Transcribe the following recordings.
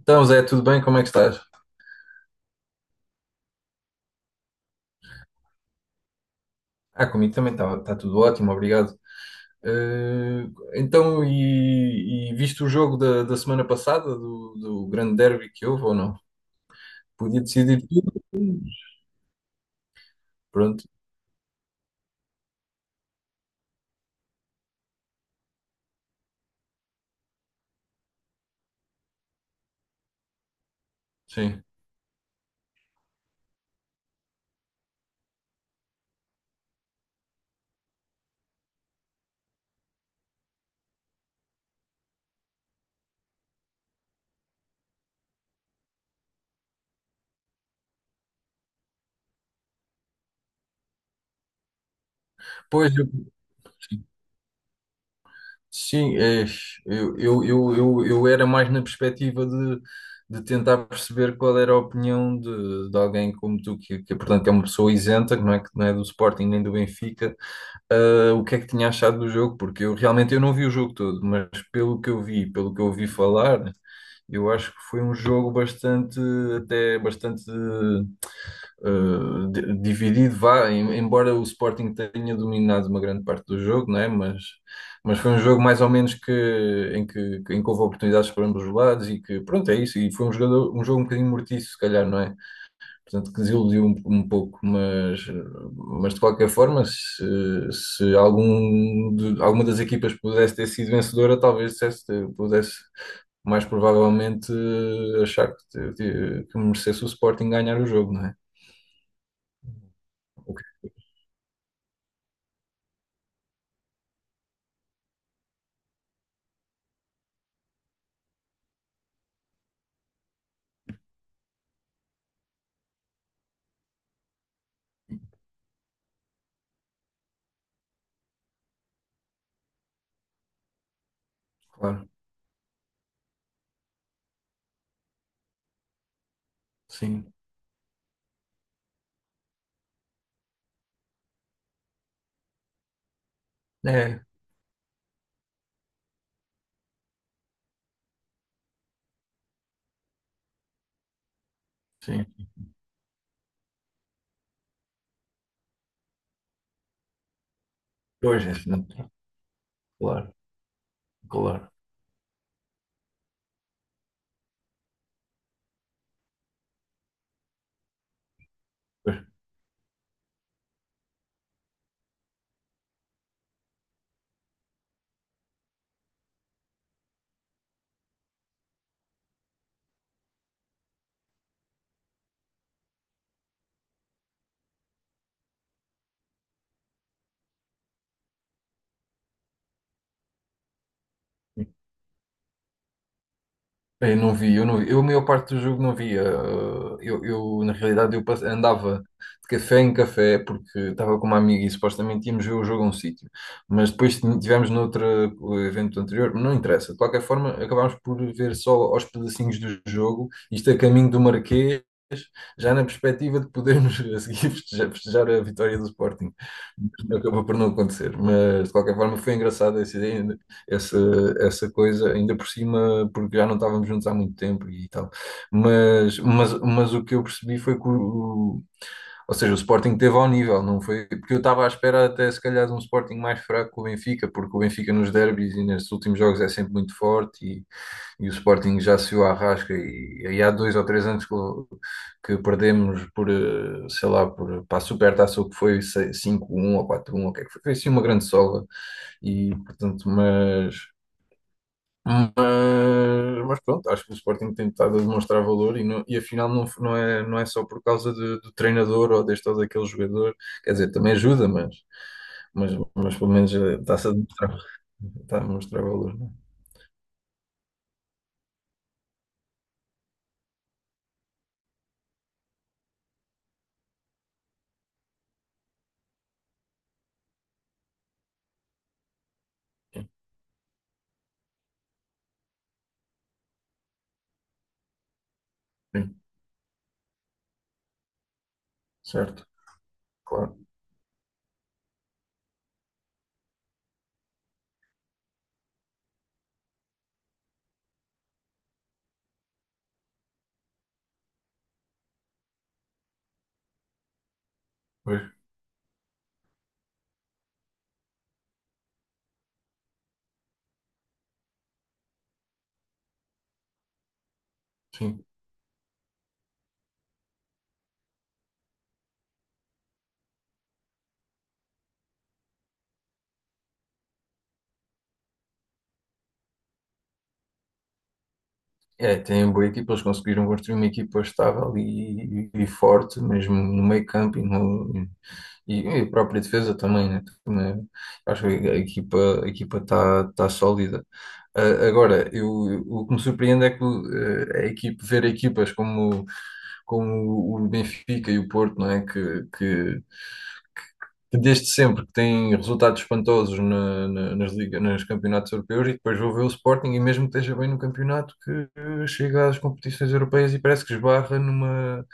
Então, Zé, tudo bem? Como é que estás? Ah, comigo também está tá tá tudo ótimo, obrigado. Eh, então, e viste o jogo da semana passada, do grande derby que houve ou não? Podia decidir tudo. Pronto, sim. Pois, eu, sim, sim, é, eu era mais na perspectiva de tentar perceber qual era a opinião de alguém como tu, que, portanto, é uma pessoa isenta, que não é do Sporting nem do Benfica, o que é que tinha achado do jogo, porque eu realmente eu não vi o jogo todo, mas pelo que eu vi, pelo que eu ouvi falar, eu acho que foi um jogo bastante, até bastante dividido, vá, embora o Sporting tenha dominado uma grande parte do jogo, não é? Mas foi um jogo mais ou menos em que, em que houve oportunidades para ambos os lados e que, pronto, é isso, e foi um jogo um bocadinho mortiço, se calhar, não é? Portanto, que desiludiu um pouco, mas de qualquer forma, se alguma das equipas pudesse ter sido vencedora, talvez pudesse mais provavelmente achar que merecesse o Sporting ganhar o jogo, não é? É claro. Sim, é, sim. Pois, é, sim, claro, claro. Pois. Eu não vi, eu não vi. Eu, a maior parte do jogo não via. Eu na realidade, andava de café em café porque estava com uma amiga e supostamente íamos ver o jogo a um sítio. Mas depois tivemos noutro evento anterior, não interessa. De qualquer forma, acabámos por ver só aos pedacinhos do jogo, isto a caminho do Marquês, já na perspectiva de podermos a seguir festejar, festejar a vitória do Sporting. Acabou por não acontecer. Mas de qualquer forma, foi engraçado essa, essa coisa, ainda por cima, porque já não estávamos juntos há muito tempo e tal. Mas o que eu percebi foi que o, ou seja, o Sporting teve ao nível, não foi? Porque eu estava à espera até se calhar de um Sporting mais fraco que o Benfica, porque o Benfica nos derbys e nestes últimos jogos é sempre muito forte e o Sporting já se o arrasca e há dois ou três anos que, que perdemos por, sei lá, por, para a Supertaça o que foi 5-1 ou quatro um 1, o que é que foi? Foi assim uma grande sova e portanto, mas, mas pronto, acho que o Sporting tem estado a demonstrar valor e, e afinal não é só por causa de- do treinador ou deste ou daquele jogador, quer dizer, também ajuda, mas, mas pelo menos está a demonstrar valor, não é? Sim, certo, claro, pois, sim. É, tem uma boa equipa, eles conseguiram construir uma equipa estável e, e forte, mesmo no meio campo e, no, e a própria defesa também, né? Também acho que a equipa está tá tá sólida. Ah, agora, o que me surpreende é que ver equipas como o Benfica e o Porto, não é? Que desde sempre que tem resultados espantosos nas ligas, nos campeonatos europeus, e depois vou ver o Sporting e mesmo que esteja bem no campeonato que chega às competições europeias e parece que esbarra numa,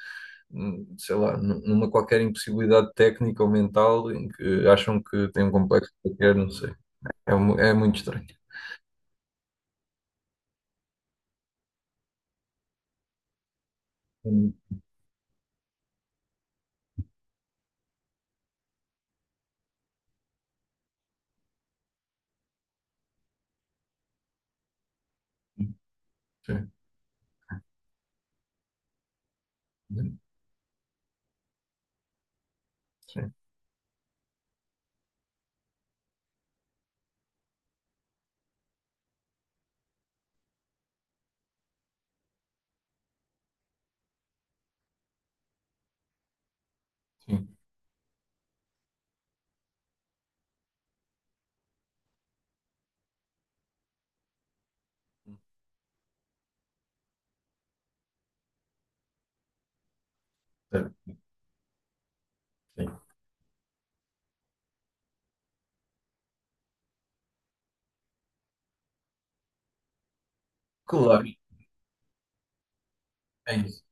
hum, sei lá, numa qualquer impossibilidade técnica ou mental em que acham que tem um complexo qualquer, não sei. É, é muito estranho. Sim, sim, sim. Sim. Claro, é isso.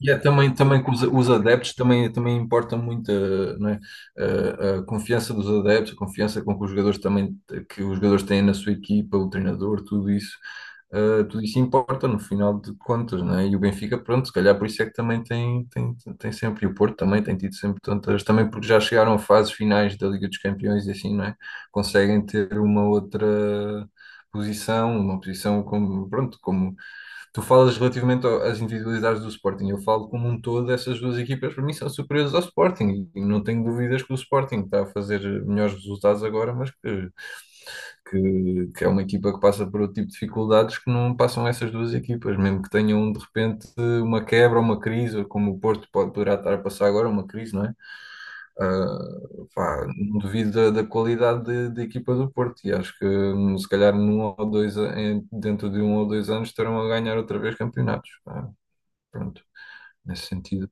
E é também, também que os adeptos também, também importa muito não é? A confiança dos adeptos, a confiança com que os jogadores têm na sua equipa, o treinador, tudo isso, tudo isso importa no final de contas, não é? E o Benfica, pronto, se calhar por isso é que também tem, tem sempre, e o Porto também tem tido sempre tantas, também porque já chegaram a fases finais da Liga dos Campeões e assim, não é? Conseguem ter uma outra posição, uma posição como, pronto, como tu falas relativamente às individualidades do Sporting. Eu falo como um todo, essas duas equipas para mim são superiores ao Sporting, e não tenho dúvidas que o Sporting está a fazer melhores resultados agora, mas que é uma equipa que passa por outro tipo de dificuldades que não passam essas duas equipas, mesmo que tenham de repente uma quebra, uma crise, ou como o Porto pode, poderá estar a passar agora, uma crise, não é? Pá, não duvido da qualidade da equipa do Porto e acho que se calhar num ou dois, a- em- dentro de um ou dois anos estarão a ganhar outra vez campeonatos, pá. Pronto, nesse sentido.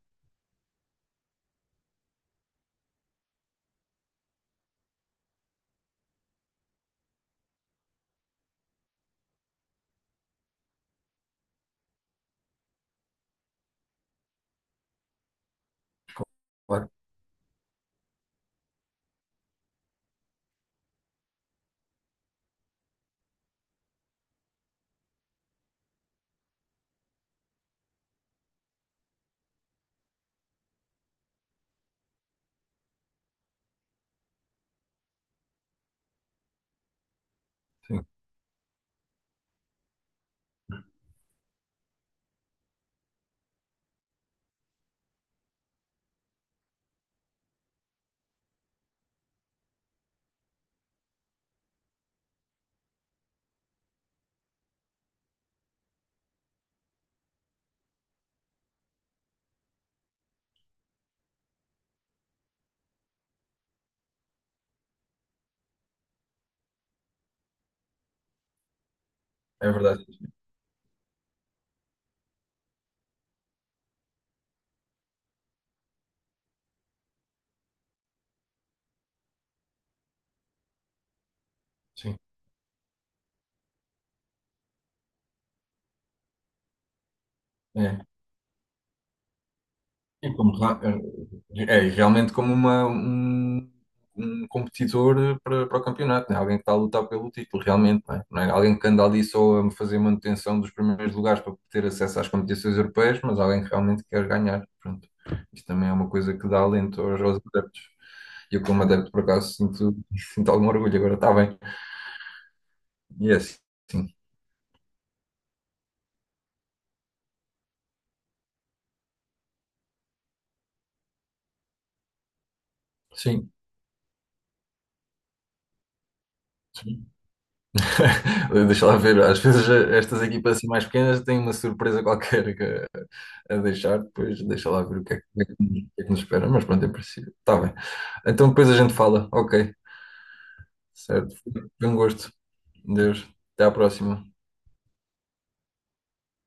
Claro, sim, é verdade. Sim, é. E é realmente como um competidor para, para o campeonato, né? Alguém que está a lutar pelo título, realmente, né? Não é alguém que anda ali só a fazer manutenção dos primeiros lugares para ter acesso às competições europeias, mas alguém que realmente quer ganhar. Pronto. Isto também é uma coisa que dá alento aos, aos adeptos. E eu, como adepto, por acaso, sinto, sinto algum orgulho. Agora está bem. E é assim. Sim. Deixa lá ver, às vezes estas equipas assim mais pequenas têm uma surpresa qualquer a deixar, depois deixa lá ver o que é que, o que é que nos o que é que nos espera, mas pronto, é preciso. Está bem. Então depois a gente fala, ok, certo. Foi um gosto. Deus, até à próxima.